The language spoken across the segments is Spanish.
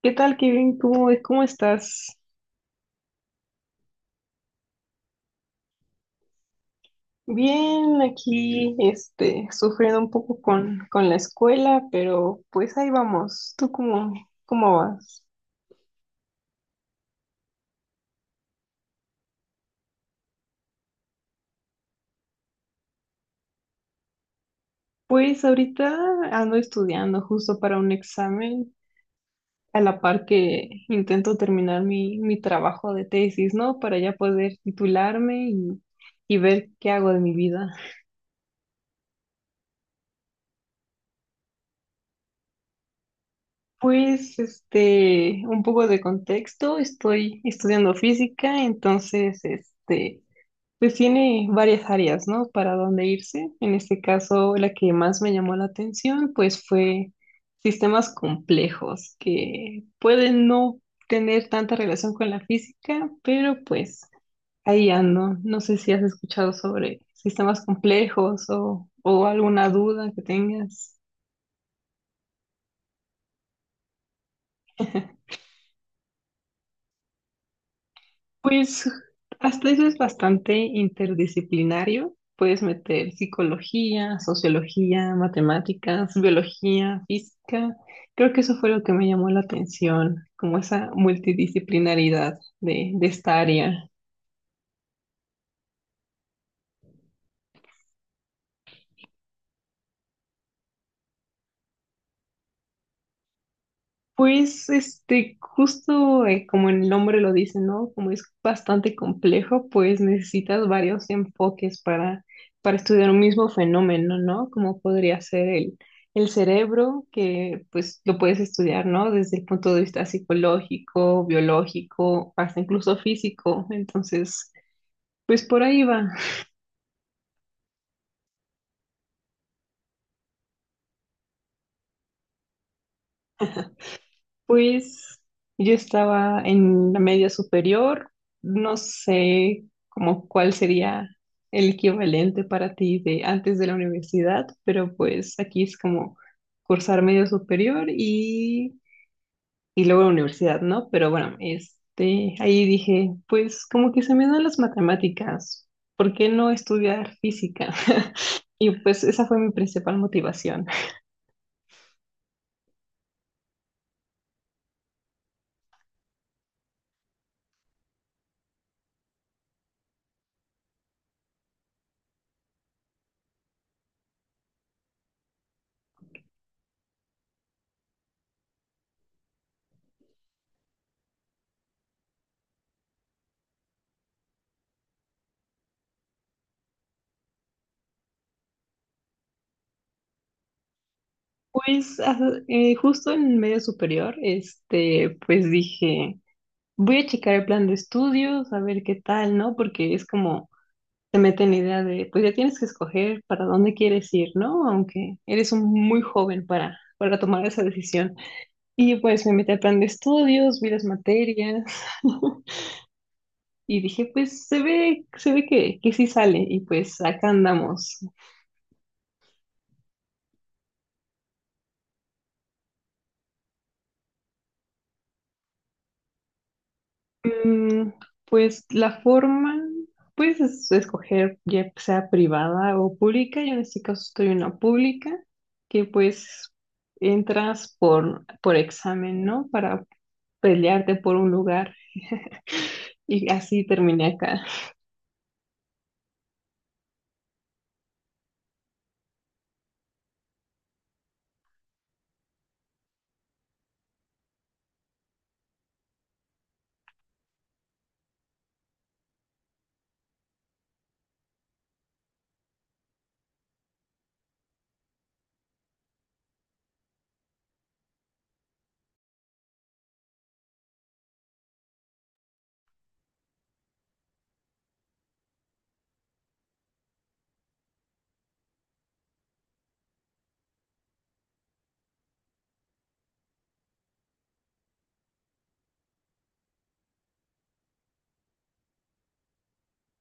¿Qué tal, Kevin? ¿Cómo, cómo estás? Bien, aquí, sufriendo un poco con la escuela, pero pues ahí vamos. ¿Tú cómo, cómo vas? Pues ahorita ando estudiando justo para un examen, a la par que intento terminar mi trabajo de tesis, ¿no? Para ya poder titularme y ver qué hago de mi vida. Pues, un poco de contexto, estoy estudiando física, entonces, Pues tiene varias áreas, ¿no? Para dónde irse. En este caso, la que más me llamó la atención, pues fue sistemas complejos que pueden no tener tanta relación con la física, pero pues ahí ando. No sé si has escuchado sobre sistemas complejos o alguna duda que tengas. Pues hasta eso es bastante interdisciplinario. Puedes meter psicología, sociología, matemáticas, biología, física. Creo que eso fue lo que me llamó la atención, como esa multidisciplinaridad de esta área. Pues, justo como el nombre lo dice, ¿no? Como es bastante complejo, pues necesitas varios enfoques para estudiar un mismo fenómeno, ¿no? Como podría ser el cerebro, que pues lo puedes estudiar, ¿no? Desde el punto de vista psicológico, biológico, hasta incluso físico. Entonces, pues por ahí va. Pues yo estaba en la media superior, no sé como cuál sería el equivalente para ti de antes de la universidad, pero pues aquí es como cursar media superior y luego la universidad, ¿no? Pero bueno, este, ahí dije, pues como que se me dan las matemáticas, ¿por qué no estudiar física? Y pues esa fue mi principal motivación. Pues ah, justo en medio superior, este, pues dije, voy a checar el plan de estudios, a ver qué tal, ¿no? Porque es como, te meten la idea de, pues ya tienes que escoger para dónde quieres ir, ¿no? Aunque eres un muy joven para tomar esa decisión. Y pues me metí al plan de estudios, vi las materias y dije, pues se ve que sí sale y pues acá andamos. Mm, pues la forma, puedes escoger ya sea privada o pública. Yo en este caso estoy en la pública, que pues entras por examen, ¿no? Para pelearte por un lugar. Y así terminé acá.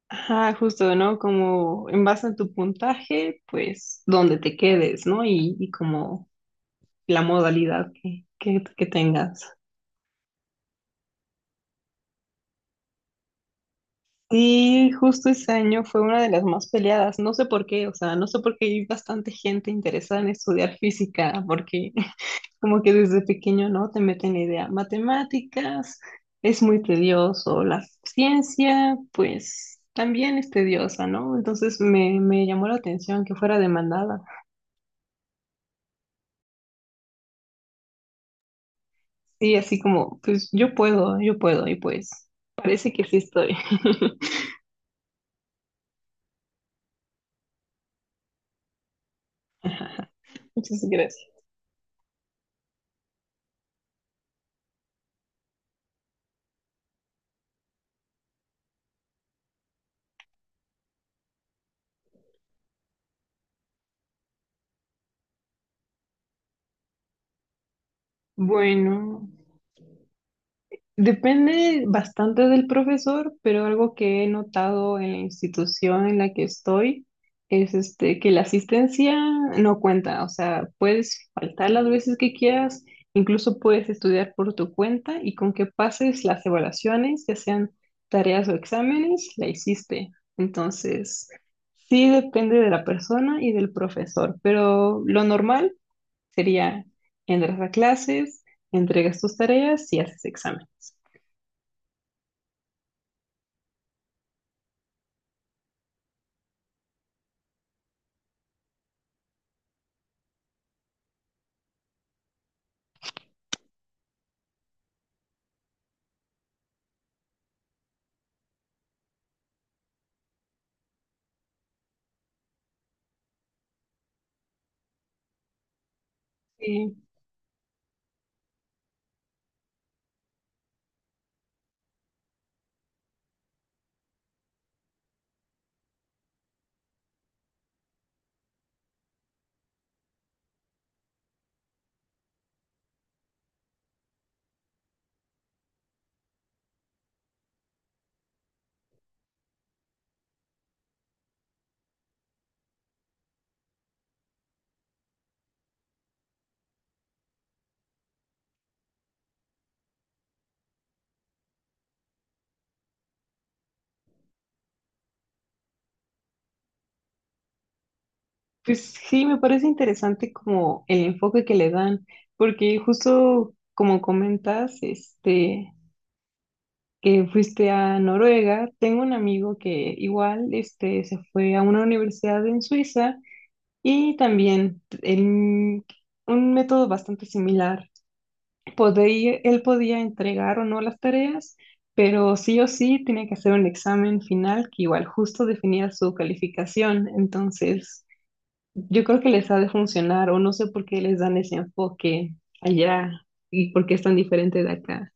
Ajá, justo, ¿no? Como en base a tu puntaje, pues donde te quedes, ¿no? Y como la modalidad que tengas. Sí, justo ese año fue una de las más peleadas. No sé por qué, o sea, no sé por qué hay bastante gente interesada en estudiar física, porque como que desde pequeño, ¿no? Te meten la idea, matemáticas, es muy tedioso, la ciencia, pues también es tediosa, ¿no? Entonces me llamó la atención que fuera demandada. Sí, así como, pues yo puedo, y pues parece que sí estoy. Muchas gracias. Bueno. Depende bastante del profesor, pero algo que he notado en la institución en la que estoy es este, que la asistencia no cuenta, o sea, puedes faltar las veces que quieras, incluso puedes estudiar por tu cuenta y con que pases las evaluaciones, ya sean tareas o exámenes, la hiciste. Entonces, sí depende de la persona y del profesor, pero lo normal sería entras a clases, entregas tus tareas y haces exámenes. Sí, pues sí, me parece interesante como el enfoque que le dan, porque justo como comentas, este, que fuiste a Noruega, tengo un amigo que igual, este, se fue a una universidad en Suiza y también en un método bastante similar. Podía, él podía entregar o no las tareas, pero sí o sí tenía que hacer un examen final que igual justo definía su calificación, entonces yo creo que les ha de funcionar, o no sé por qué les dan ese enfoque allá y por qué es tan diferente de acá.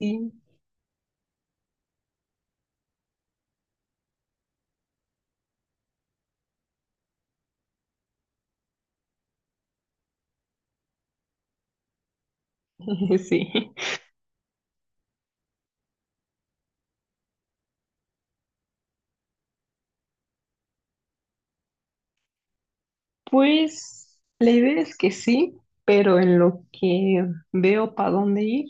Sí, sí. Pues la idea es que sí, pero en lo que veo para dónde ir,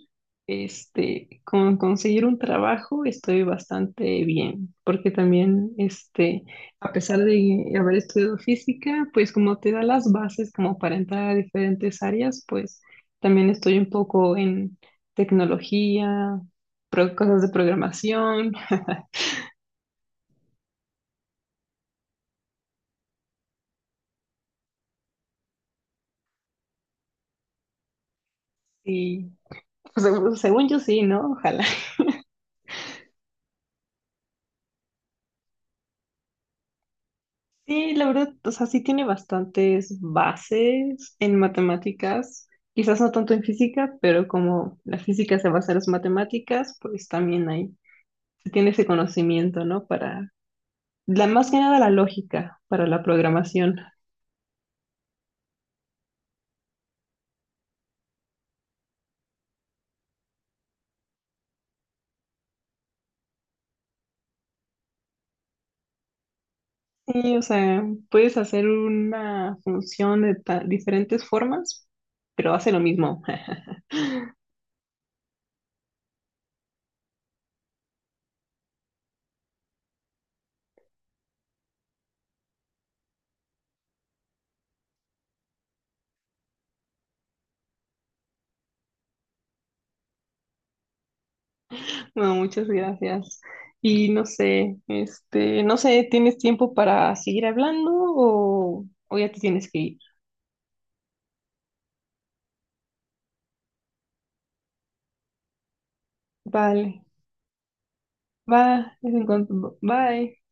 este, con conseguir un trabajo estoy bastante bien, porque también, este, a pesar de haber estudiado física, pues como te da las bases como para entrar a diferentes áreas, pues también estoy un poco en tecnología, cosas de programación y pues, según según yo sí, ¿no? Ojalá. Sí, la verdad, o sea, sí tiene bastantes bases en matemáticas, quizás no tanto en física, pero como la física se basa en las matemáticas, pues también hay, se tiene ese conocimiento, ¿no? Para, la, más que nada la lógica para la programación. Sí, o sea, puedes hacer una función de diferentes formas, pero hace lo mismo. Bueno, muchas gracias. Y no sé, este, no sé, ¿tienes tiempo para seguir hablando o ya te tienes que ir? Vale. Va, es en cuanto. Bye.